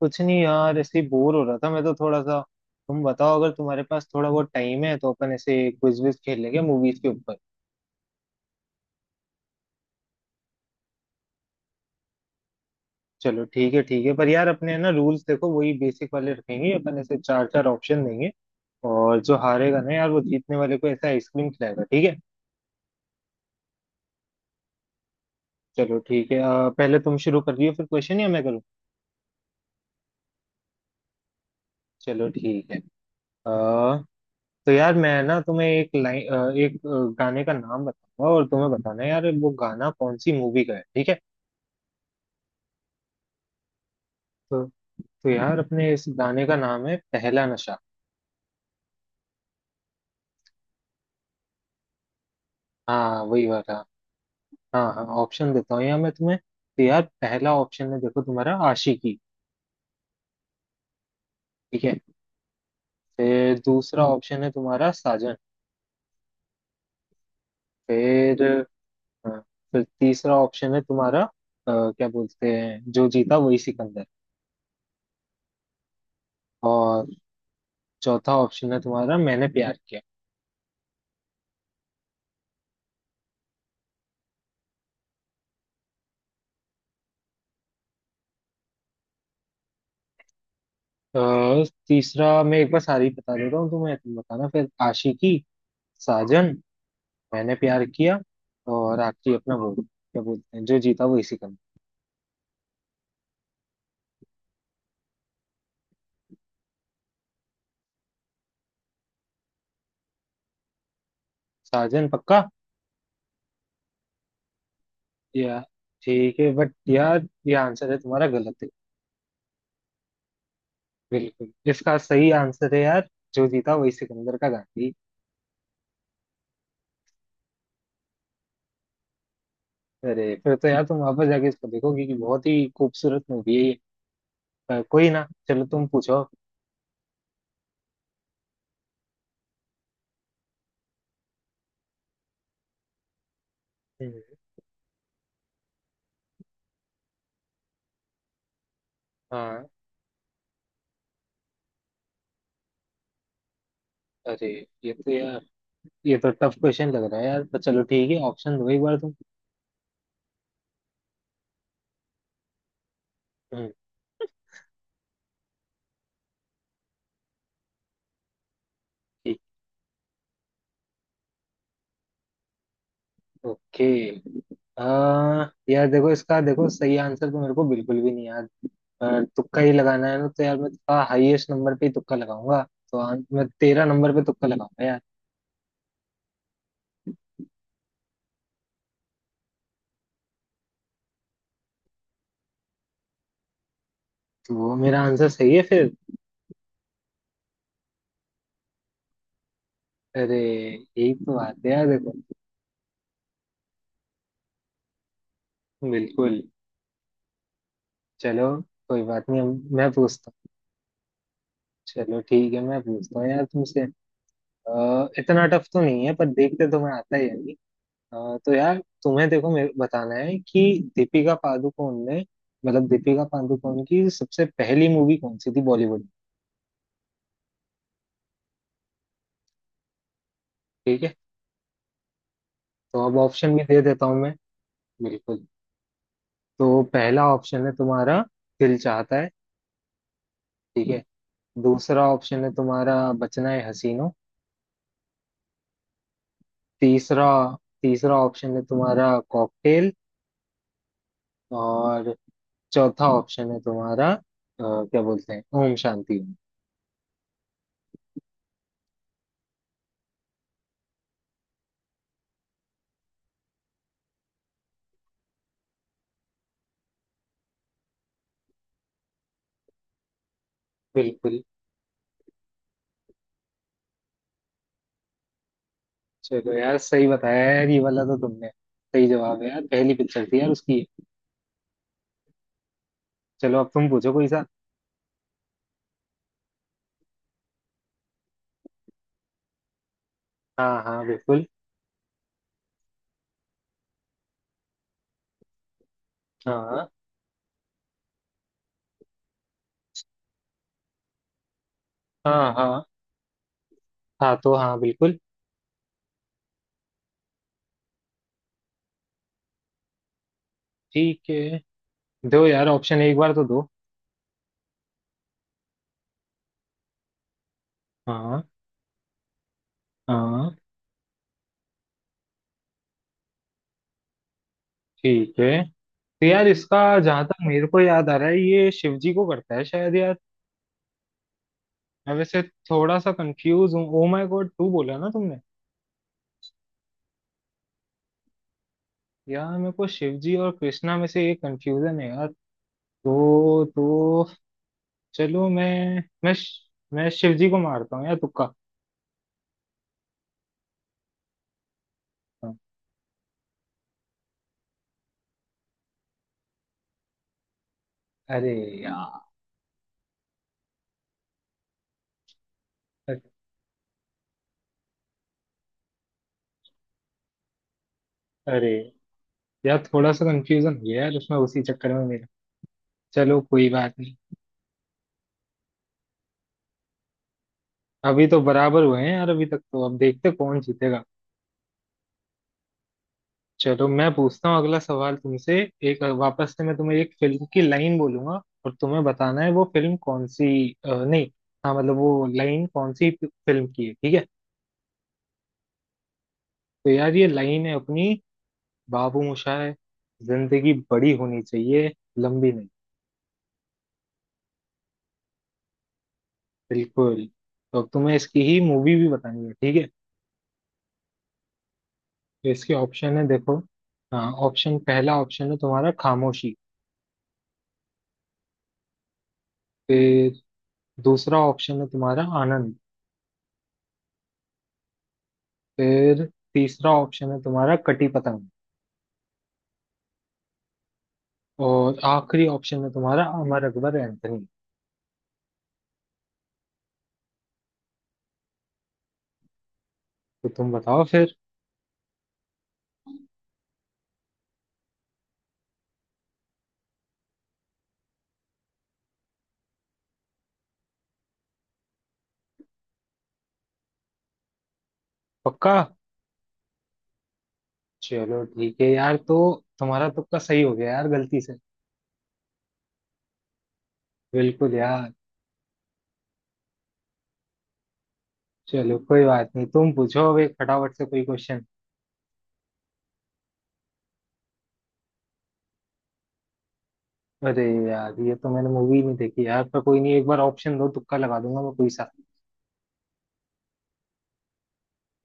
कुछ नहीं यार, ऐसे बोर हो रहा था मैं तो थोड़ा सा। तुम बताओ, अगर तुम्हारे पास थोड़ा बहुत टाइम है तो अपन ऐसे क्विज विज खेल लेंगे मूवीज के ऊपर। चलो ठीक है, ठीक है, पर यार अपने है ना रूल्स, देखो वही बेसिक वाले रखेंगे अपन, ऐसे चार चार ऑप्शन देंगे। और जो हारेगा ना यार, वो जीतने वाले को ऐसा आइसक्रीम खिलाएगा, ठीक है। चलो ठीक है। पहले तुम शुरू कर रही हो फिर क्वेश्चन या मैं करूँ? चलो ठीक है। आ, तो यार मैं ना तुम्हें एक लाइन एक गाने का नाम बताऊंगा, और तुम्हें बताना है यार वो गाना कौन सी मूवी का है, ठीक है। तो तो यार अपने इस गाने का नाम है पहला नशा। हाँ वही वाला। हाँ हाँ, ऑप्शन देता हूँ यार मैं तुम्हें, तो यार पहला ऑप्शन है देखो तुम्हारा, आशिकी। ठीक है। फिर दूसरा ऑप्शन है तुम्हारा, साजन। फिर हाँ, फिर तीसरा ऑप्शन है तुम्हारा क्या बोलते हैं, जो जीता वही सिकंदर। और चौथा ऑप्शन है तुम्हारा, मैंने प्यार किया। तीसरा, मैं एक बार सारी बता देता हूँ तुम्हें, तुम बताना फिर। आशिकी, साजन, मैंने प्यार किया, और आखिरी अपना वोट क्या बोलते हैं, जो जीता वो इसी का। साजन पक्का। या ठीक है, बट यार ये आंसर है तुम्हारा गलत है। बिल्कुल, इसका सही आंसर है यार, जो जीता वही सिकंदर का गांधी। अरे, फिर तो यार तुम वापस जाके इसको देखोगे कि बहुत ही खूबसूरत मूवी है ये। कोई ना, चलो तुम पूछो। हम्म, हाँ। अरे ये तो यार, ये तो टफ क्वेश्चन लग रहा है यार, पर चलो ठीक है, ऑप्शन दो एक बार तुम। हम्म, ओके। आ, यार देखो इसका, देखो सही आंसर तो मेरे को बिल्कुल भी नहीं याद, पर तुक्का ही लगाना है ना, तो यार मैं थोड़ा हाईएस्ट नंबर पे ही तुक्का लगाऊंगा। तो मैं 13 नंबर पे तुक्का लगाऊंगा यार। तो मेरा आंसर सही है फिर? अरे यही तो बात है यार देखो। बिल्कुल। चलो कोई बात नहीं, अब मैं पूछता हूँ। चलो ठीक है, मैं पूछता हूँ यार तुमसे। इतना टफ तो नहीं है पर देखते तो मैं आता ही है। हाँ, तो यार तुम्हें देखो मेरे को बताना है कि दीपिका पादुकोण ने, मतलब दीपिका पादुकोण की सबसे पहली मूवी कौन सी थी बॉलीवुड में। ठीक है, तो अब ऑप्शन भी दे देता हूँ मैं, बिल्कुल। तो पहला ऑप्शन है तुम्हारा, दिल चाहता है। ठीक है। दूसरा ऑप्शन है तुम्हारा, बचना है हसीनो। तीसरा तीसरा ऑप्शन है तुम्हारा, कॉकटेल। और चौथा ऑप्शन है तुम्हारा क्या बोलते हैं, ओम शांति ओम। बिल्कुल। चलो यार सही बताया यार, ये वाला तो तुमने सही जवाब है यार, पहली पिक्चर थी यार उसकी। चलो अब तुम पूछो कोई सा। हाँ हाँ बिल्कुल। हाँ हाँ। हाँ हाँ तो हाँ बिल्कुल। ठीक है, दो यार ऑप्शन एक बार तो दो। हाँ हाँ। ठीक है। तो यार इसका जहां तक मेरे को याद आ रहा है, ये शिव जी को करता है शायद यार। मैं वैसे थोड़ा सा कंफ्यूज हूँ, ओ माय गॉड टू बोला ना तुमने? यार मेरे को शिव जी और कृष्णा में से एक कंफ्यूजन है यार। तो चलो मैं शिव जी को मारता हूँ यार, तुक्का मारता हूँ। अरे यार अरे यार, थोड़ा सा कंफ्यूजन हो गया यार, उसमें उसी चक्कर में मेरा। चलो कोई बात नहीं। अभी तो बराबर हुए हैं यार अभी तक तो, अब देखते कौन जीतेगा। चलो मैं पूछता हूँ अगला सवाल तुमसे। एक वापस से मैं तुम्हें एक फिल्म की लाइन बोलूंगा, और तुम्हें बताना है वो फिल्म कौन सी। नहीं, हाँ मतलब वो लाइन कौन सी फिल्म की है, ठीक है। तो यार ये लाइन है अपनी, बाबू मोशाय जिंदगी बड़ी होनी चाहिए, लंबी नहीं। बिल्कुल। तो अब तुम्हें इसकी ही मूवी भी बतानी है, ठीक है। तो इसके ऑप्शन है देखो। हाँ ऑप्शन, पहला ऑप्शन है तुम्हारा, खामोशी। फिर दूसरा ऑप्शन है तुम्हारा, आनंद। फिर तीसरा ऑप्शन है तुम्हारा, कटी पतंग। और आखिरी ऑप्शन है तुम्हारा, अमर अकबर एंथनी। तो तुम बताओ फिर। पक्का? चलो ठीक है यार, तो तुम्हारा तुक्का सही हो गया यार गलती से। बिल्कुल यार। चलो कोई बात नहीं, तुम पूछो अब एक फटाफट से कोई क्वेश्चन। अरे यार ये तो मैंने मूवी नहीं देखी यार, पर कोई नहीं एक बार ऑप्शन दो, तुक्का लगा दूंगा मैं कोई सा।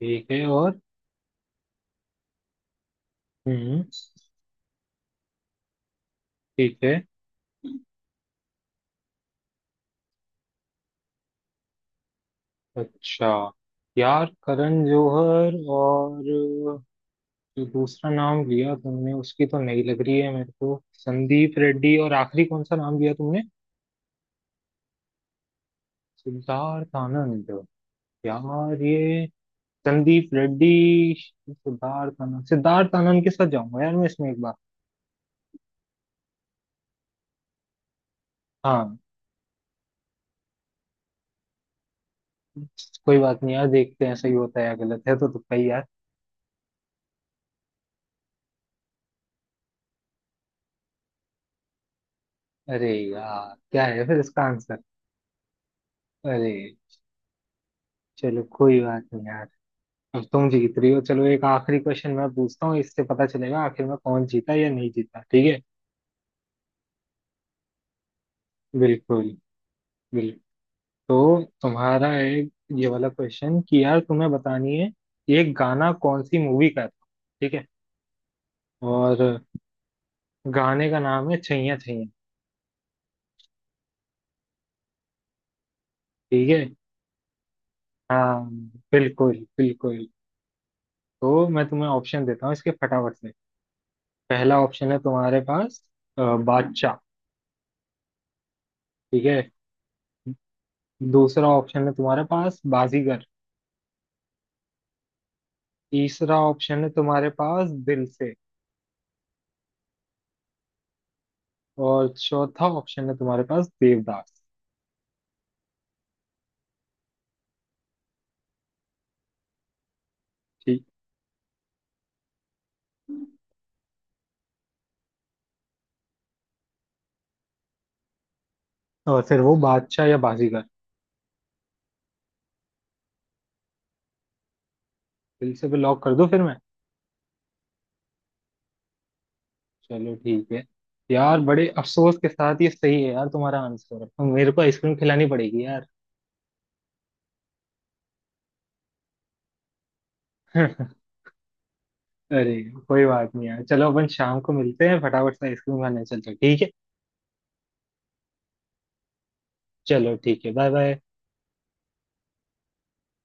ठीक है। और हम्म। ठीक है। अच्छा यार करण जौहर और जो दूसरा नाम लिया तुमने उसकी तो नहीं लग रही है मेरे को, संदीप रेड्डी और आखिरी कौन सा नाम लिया तुमने? सिद्धार्थ आनंद। यार ये संदीप रेड्डी, सिद्धार्थ आनंद के साथ जाऊंगा यार मैं इसमें एक बार। हाँ कोई बात नहीं यार, देखते हैं सही होता है या गलत है, तो तुक्का ही यार। अरे यार क्या है फिर इसका आंसर? अरे, चलो कोई बात नहीं यार, अब तुम जीत रही हो। चलो एक आखिरी क्वेश्चन मैं पूछता हूँ, इससे पता चलेगा आखिर में कौन जीता या नहीं जीता, ठीक है। बिल्कुल बिल्कुल। तो तुम्हारा एक ये वाला क्वेश्चन कि यार तुम्हें बतानी है ये गाना कौन सी मूवी का था, ठीक है। और गाने का नाम है छैया छैया। ठीक है। हाँ बिल्कुल बिल्कुल। तो मैं तुम्हें ऑप्शन देता हूँ इसके फटाफट से। पहला ऑप्शन है तुम्हारे पास बादशाह। ठीक है। दूसरा ऑप्शन है तुम्हारे पास, बाजीगर। तीसरा ऑप्शन है तुम्हारे पास, दिल से। और चौथा ऑप्शन है तुम्हारे पास, देवदास। ठीक, और फिर वो बादशाह या बाजीगर? दिल से भी लॉक कर दो फिर मैं। चलो ठीक है यार, बड़े अफसोस के साथ ये सही है यार तुम्हारा आंसर, अब मेरे को आइसक्रीम खिलानी पड़ेगी यार। अरे कोई बात नहीं यार, चलो अपन शाम को मिलते हैं फटाफट से आइसक्रीम खाने चलते हैं, ठीक है। चलो ठीक है, बाय बाय।